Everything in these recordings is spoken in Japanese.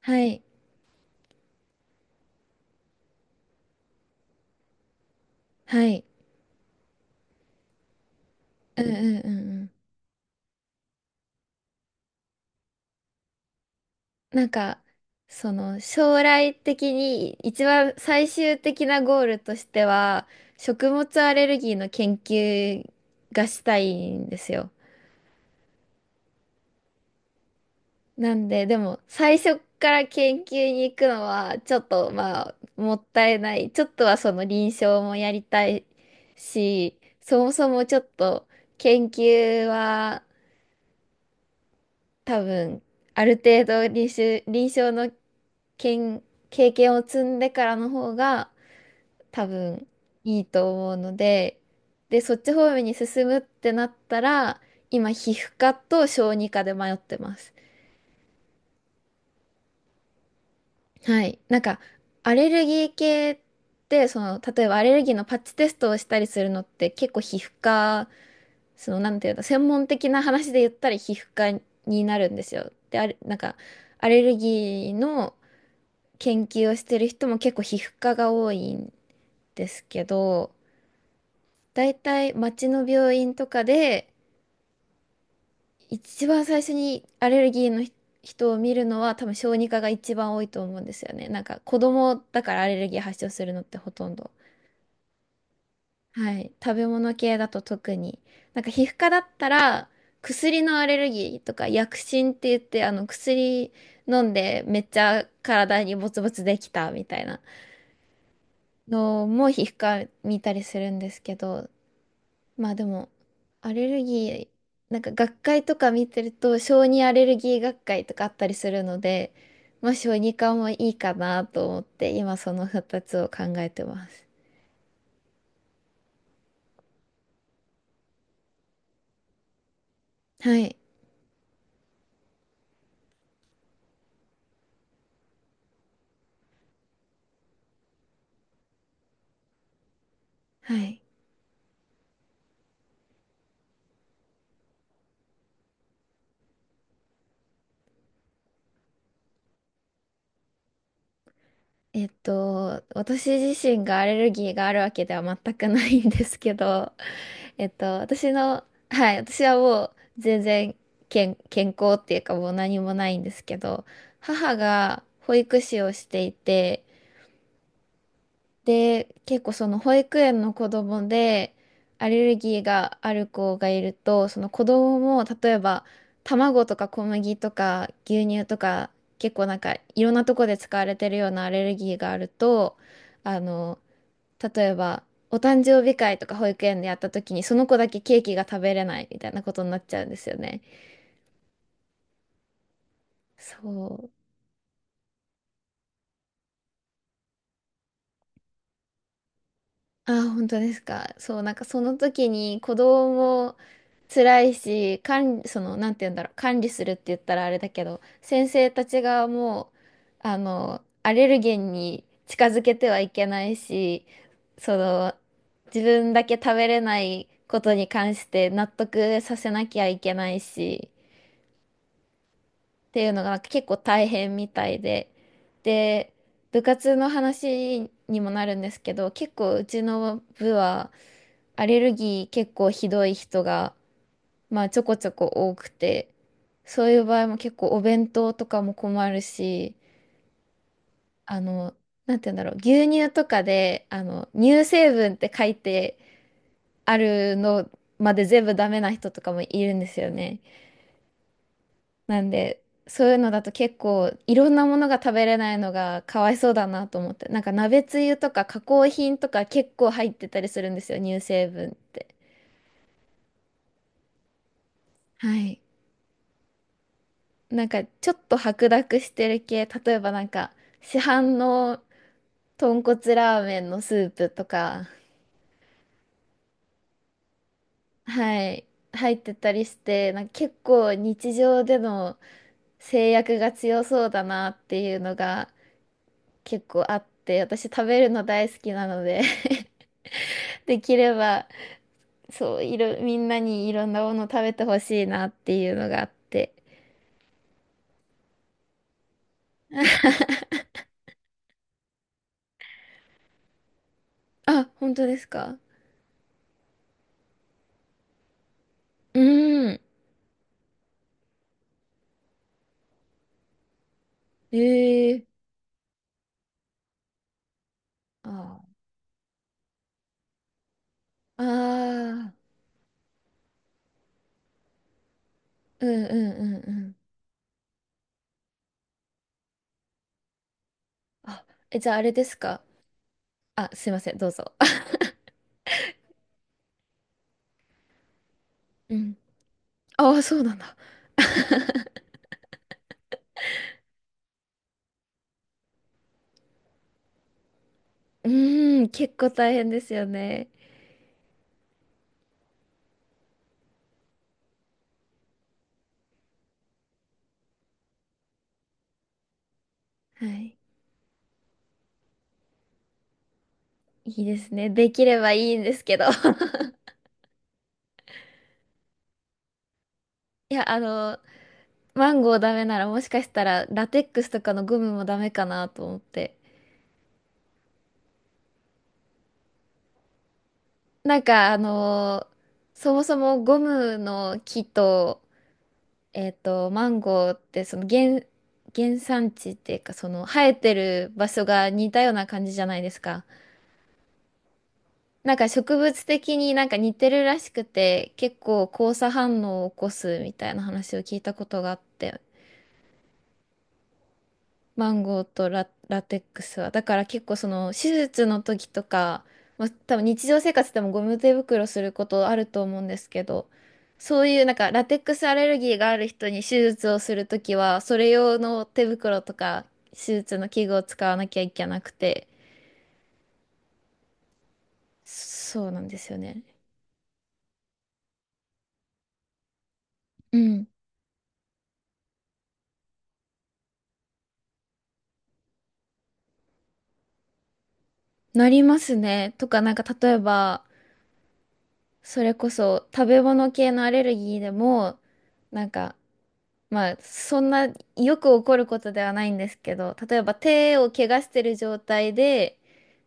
はい、はい。うんうんうんうん。なんか、その、将来的に一番最終的なゴールとしては、食物アレルギーの研究がしたいんですよ。なんで、でも、最初から研究に行くのは、ちょっと、まあ、もったいない。ちょっとはその臨床もやりたいし、そもそもちょっと、研究は、多分、ある程度臨床の経経験を積んでからの方が多分いいと思うので、で、そっち方面に進むってなったら、今、皮膚科と小児科で迷ってます。はい。なんか、アレルギー系って、その、例えばアレルギーのパッチテストをしたりするのって結構皮膚科、その、なんていうの、専門的な話で言ったら皮膚科になるんですよ。で、あれ、なんか、アレルギーの研究をしてる人も結構皮膚科が多いんですけど、だいたい町の病院とかで一番最初にアレルギーの人を見るのは多分小児科が一番多いと思うんですよね。なんか子供だからアレルギー発症するのってほとんど。はい。食べ物系だと特に。なんか皮膚科だったら薬のアレルギーとか薬疹って言ってあの薬飲んでめっちゃ体にボツボツできたみたいな。のも皮膚科見たりするんですけど、まあでも、アレルギー、なんか学会とか見てると、小児アレルギー学会とかあったりするので、まあ小児科もいいかなと思って、今その2つを考えてます。はい。はい。えっと、私自身がアレルギーがあるわけでは全くないんですけど、えっと、私の、はい、私はもう全然健康っていうかもう何もないんですけど、母が保育士をしていて、で、結構その保育園の子供でアレルギーがある子がいると、その子供も例えば卵とか小麦とか牛乳とか結構なんかいろんなとこで使われてるようなアレルギーがあると、あの、例えばお誕生日会とか保育園でやった時にその子だけケーキが食べれないみたいなことになっちゃうんですよね。そう。あ、本当ですか？そう、なんかその時に子供も辛いし、管理、その、なんて言うんだろう、管理するって言ったらあれだけど、先生たちがもう、あの、アレルゲンに近づけてはいけないし、その、自分だけ食べれないことに関して納得させなきゃいけないし、っていうのがなんか結構大変みたいで、で、部活の話にもなるんですけど、結構うちの部はアレルギー結構ひどい人が、まあちょこちょこ多くて、そういう場合も結構お弁当とかも困るし、あの、なんて言うんだろう、牛乳とかで、あの、乳成分って書いてあるのまで全部ダメな人とかもいるんですよね。なんで、そういうのだと結構いろんなものが食べれないのがかわいそうだなと思って。なんか鍋つゆとか加工品とか結構入ってたりするんですよ、乳成分って。はい。なんかちょっと白濁してる系、例えばなんか市販の豚骨ラーメンのスープとか、はい、入ってたりして、なんか結構日常での制約が強そうだなっていうのが結構あって、私食べるの大好きなのでできれば、そう、みんなにいろんなもの食べてほしいなっていうのがあって。あ、本当ですか？うーん。ええ。ああ。ああ。うんうんうんうん。あ、え、じゃああれですか？あ、すいません、どうぞ。うん。ああ、そうなんだ。うーん、結構大変ですよね。はい。いいですね。できればいいんですけど。いや、あの、マンゴーダメならもしかしたらラテックスとかのゴムもダメかなと思って。なんかあのーそもそもゴムの木と、えっと、マンゴーってその原、原産地っていうかその生えてる場所が似たような感じじゃないですか。なんか植物的になんか似てるらしくて結構交差反応を起こすみたいな話を聞いたことがあってマンゴーとラテックスは。だから結構その手術の時とか、まあ、多分日常生活でもゴム手袋することあると思うんですけど、そういうなんかラテックスアレルギーがある人に手術をするときは、それ用の手袋とか手術の器具を使わなきゃいけなくて、そうなんですよね。うん。なりますね。とかなんか例えば、それこそ食べ物系のアレルギーでも、なんかまあ、そんなよく起こることではないんですけど、例えば手を怪我してる状態で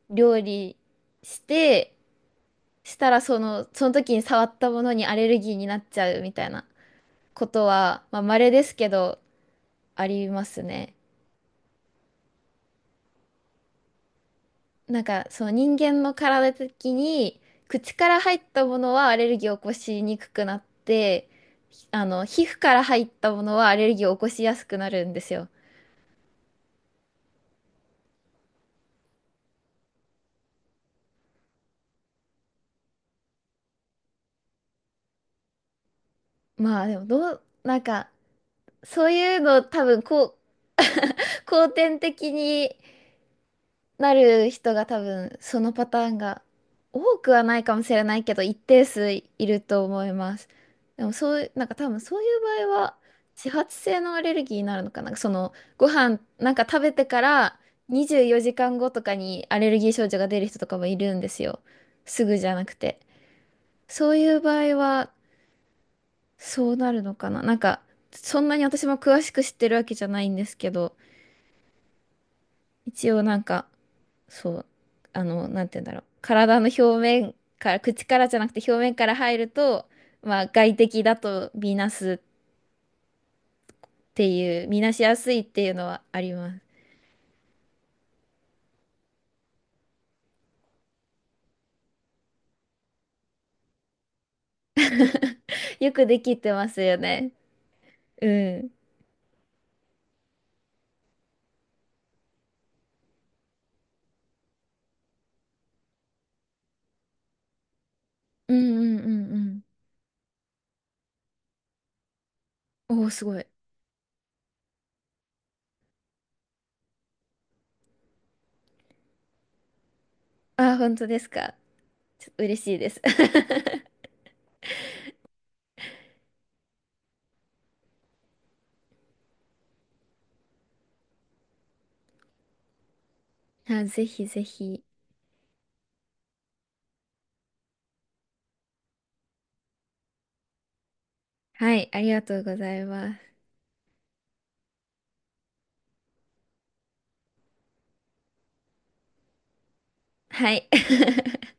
料理して、したらその、その時に触ったものにアレルギーになっちゃうみたいなことは、まあ、稀ですけど、ありますね。なんか、その人間の体的に、口から入ったものはアレルギーを起こしにくくなって、あの、皮膚から入ったものはアレルギーを起こしやすくなるんですよ。まあでもどう、なんかそういうの多分こう、後天的になる人が多分そのパターンが多くはないかもしれないけど一定数いると思います。でもそういう、なんか多分そういう場合は自発性のアレルギーになるのかな。そのご飯なんか食べてから24時間後とかにアレルギー症状が出る人とかもいるんですよ。すぐじゃなくて。そういう場合はそうなるのかな。なんかそんなに私も詳しく知ってるわけじゃないんですけど。一応なんか、そう、あの、なんて言うんだろう。体の表面から、口からじゃなくて表面から入ると、まあ外敵だと見なすっていう、見なしやすいっていうのはあります。よくできてますよね。うん。うんうんうんうん。おお、すごい。あ、本当ですか？ちょっと嬉しいです。あ、ぜひぜひ。はい、ありがとうございます。はい。